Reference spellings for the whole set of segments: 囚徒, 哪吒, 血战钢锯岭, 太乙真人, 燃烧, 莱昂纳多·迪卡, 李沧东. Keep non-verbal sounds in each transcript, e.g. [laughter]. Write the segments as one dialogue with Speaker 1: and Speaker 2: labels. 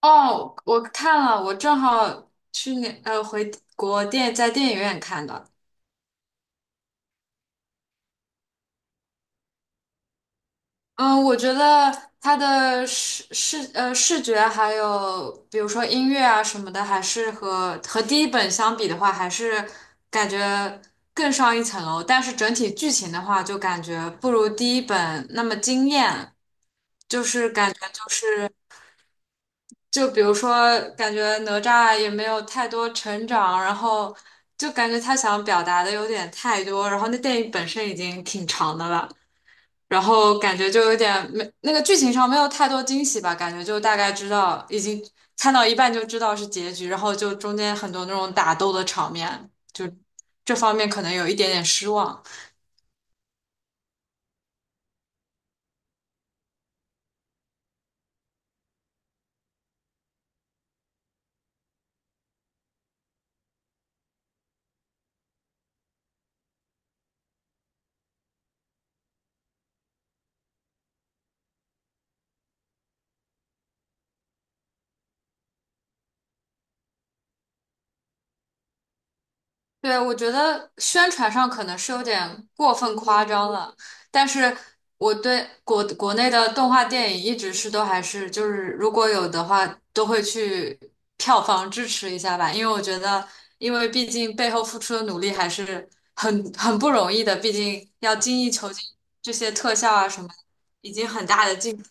Speaker 1: 哦，我看了，我正好去年回国电在电影院看的。嗯，我觉得它的视觉还有比如说音乐啊什么的，还是和第一本相比的话，还是感觉更上一层楼。但是整体剧情的话，就感觉不如第一本那么惊艳，就是感觉。就比如说，感觉哪吒也没有太多成长，然后就感觉他想表达的有点太多，然后那电影本身已经挺长的了，然后感觉就有点没那个剧情上没有太多惊喜吧，感觉就大概知道已经看到一半就知道是结局，然后就中间很多那种打斗的场面，就这方面可能有一点点失望。对，我觉得宣传上可能是有点过分夸张了，但是我对国内的动画电影一直是都还是就是如果有的话，都会去票房支持一下吧，因为我觉得，因为毕竟背后付出的努力还是很不容易的，毕竟要精益求精，这些特效啊什么，已经很大的进步。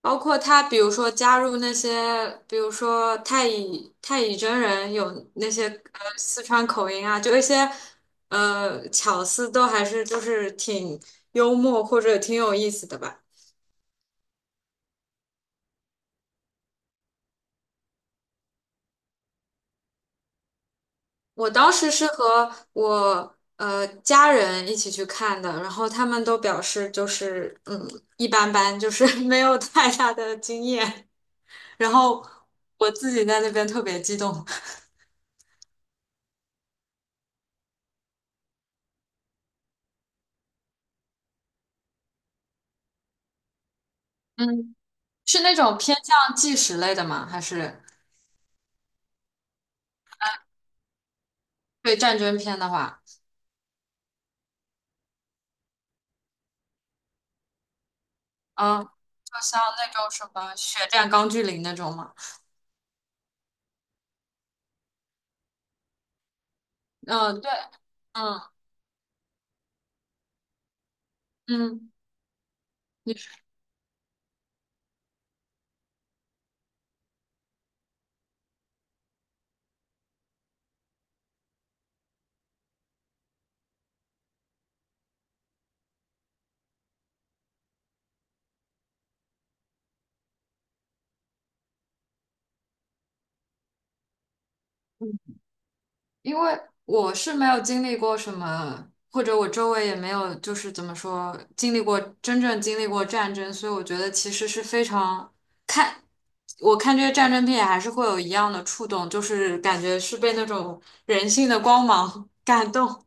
Speaker 1: 包括他，比如说加入那些，比如说太乙真人有那些四川口音啊，就一些巧思都还是就是挺幽默或者挺有意思的吧。我当时是和我家人一起去看的，然后他们都表示就是嗯一般般，就是 [laughs] 没有太大的经验。然后我自己在那边特别激动，嗯，是那种偏向纪实类的吗？还是？对战争片的话，嗯，就像那种什么《血战钢锯岭》那种嘛，嗯，对，嗯嗯，你说，嗯因为我是没有经历过什么，或者我周围也没有，就是怎么说，经历过真正经历过战争，所以我觉得其实是非常看，我看这些战争片还是会有一样的触动，就是感觉是被那种人性的光芒 [laughs] 感动。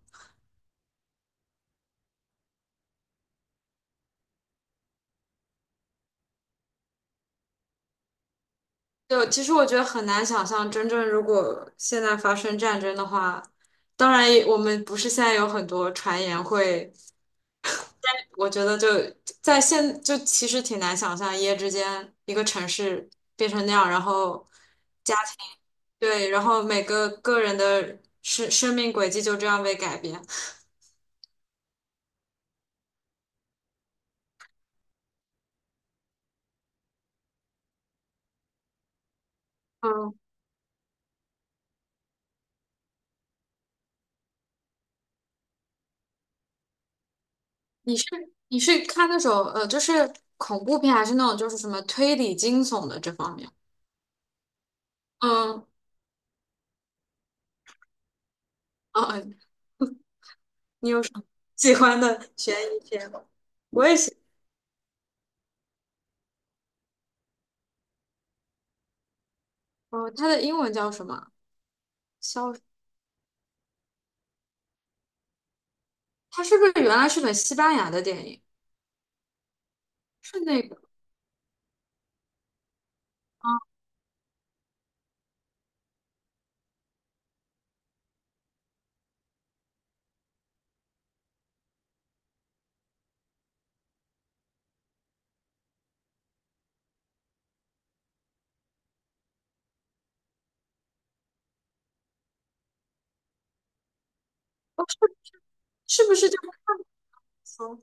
Speaker 1: 就其实我觉得很难想象，真正如果现在发生战争的话，当然也我们不是现在有很多传言会，我觉得就在现就其实挺难想象，一夜之间一个城市变成那样，然后对，然后每个个人的生命轨迹就这样被改变。嗯，你是你是看那种就是恐怖片，还是那种就是什么推理惊悚的这方面？嗯嗯。嗯你有什么喜欢的悬疑片吗？我也喜，哦，它的英文叫什么？消，它是不是原来是本西班牙的电影？是那个啊？哦，是是不是就是说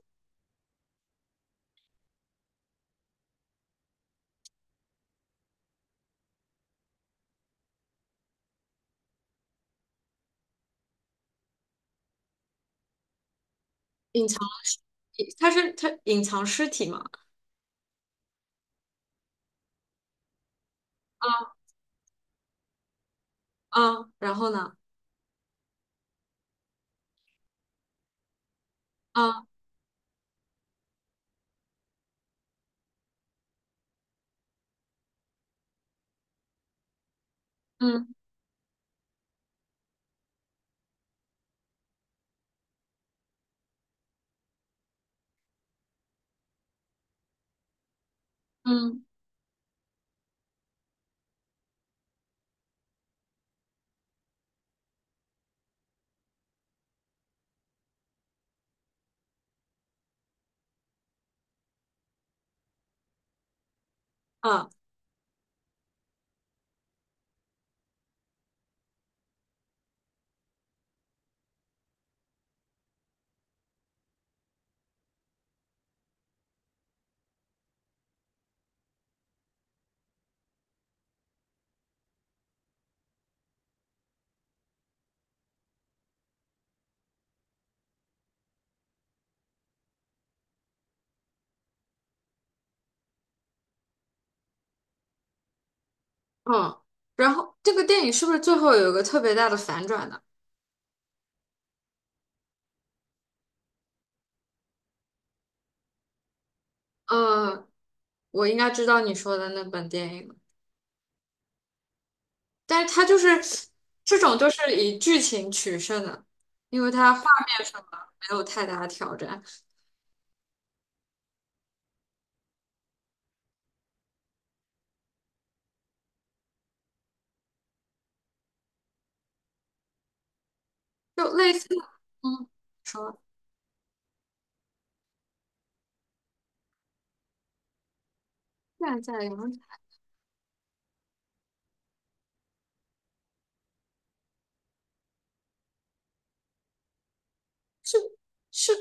Speaker 1: 隐藏？它是它隐藏尸体嘛？啊啊，然后呢？啊嗯嗯啊哦，然后这个电影是不是最后有一个特别大的反转呢？嗯，我应该知道你说的那本电影了。但是它就是这种都是以剧情取胜的，因为它画面上么没有太大的挑战，就类似，嗯，说现在有人是是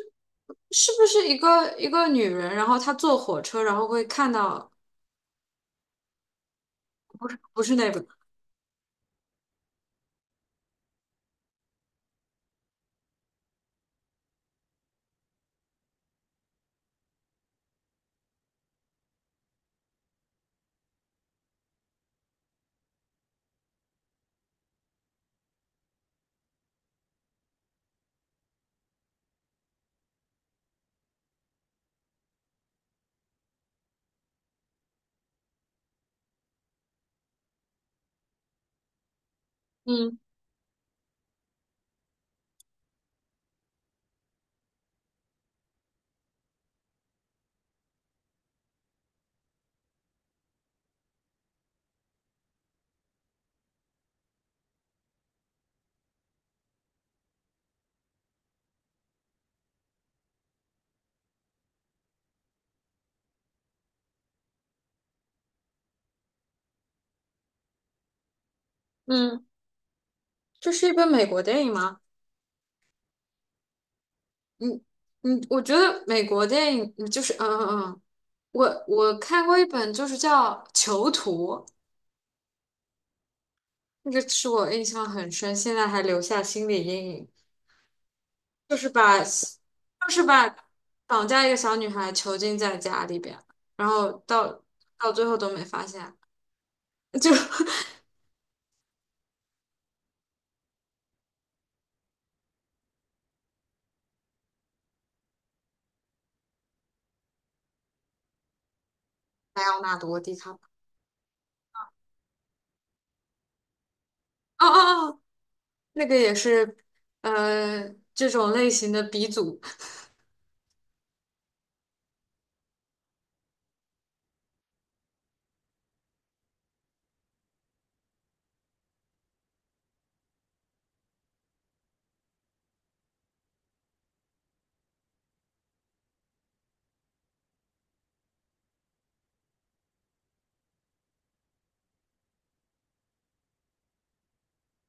Speaker 1: 是不是一个女人，然后她坐火车，然后会看到不是那个，嗯嗯，这是一本美国电影吗？嗯嗯，我觉得美国电影嗯就是嗯嗯嗯，我看过一本就是叫《囚徒》，那个是我印象很深，现在还留下心理阴影。就是把绑架一个小女孩囚禁在家里边，然后到最后都没发现，就 [laughs] 莱昂纳多·迪卡，哦哦哦，那个也是这种类型的鼻祖，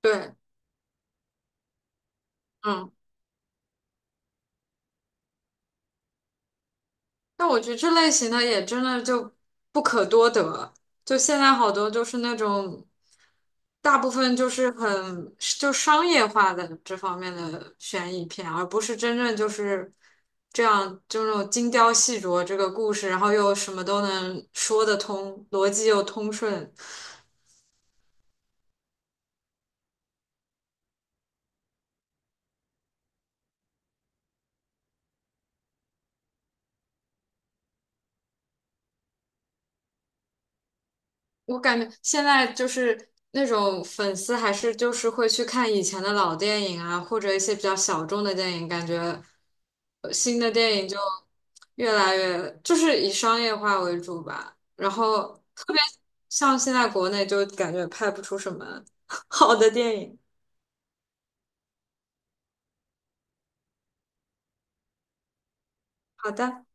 Speaker 1: 对，嗯。但我觉得这类型的也真的就不可多得，就现在好多就是那种，大部分就是很就商业化的这方面的悬疑片，而不是真正就是这样就那种精雕细琢这个故事，然后又什么都能说得通，逻辑又通顺，我感觉现在就是那种粉丝还是就是会去看以前的老电影啊，或者一些比较小众的电影，感觉新的电影就越来越就是以商业化为主吧。然后特别像现在国内就感觉拍不出什么 [laughs] 好的电影。好的。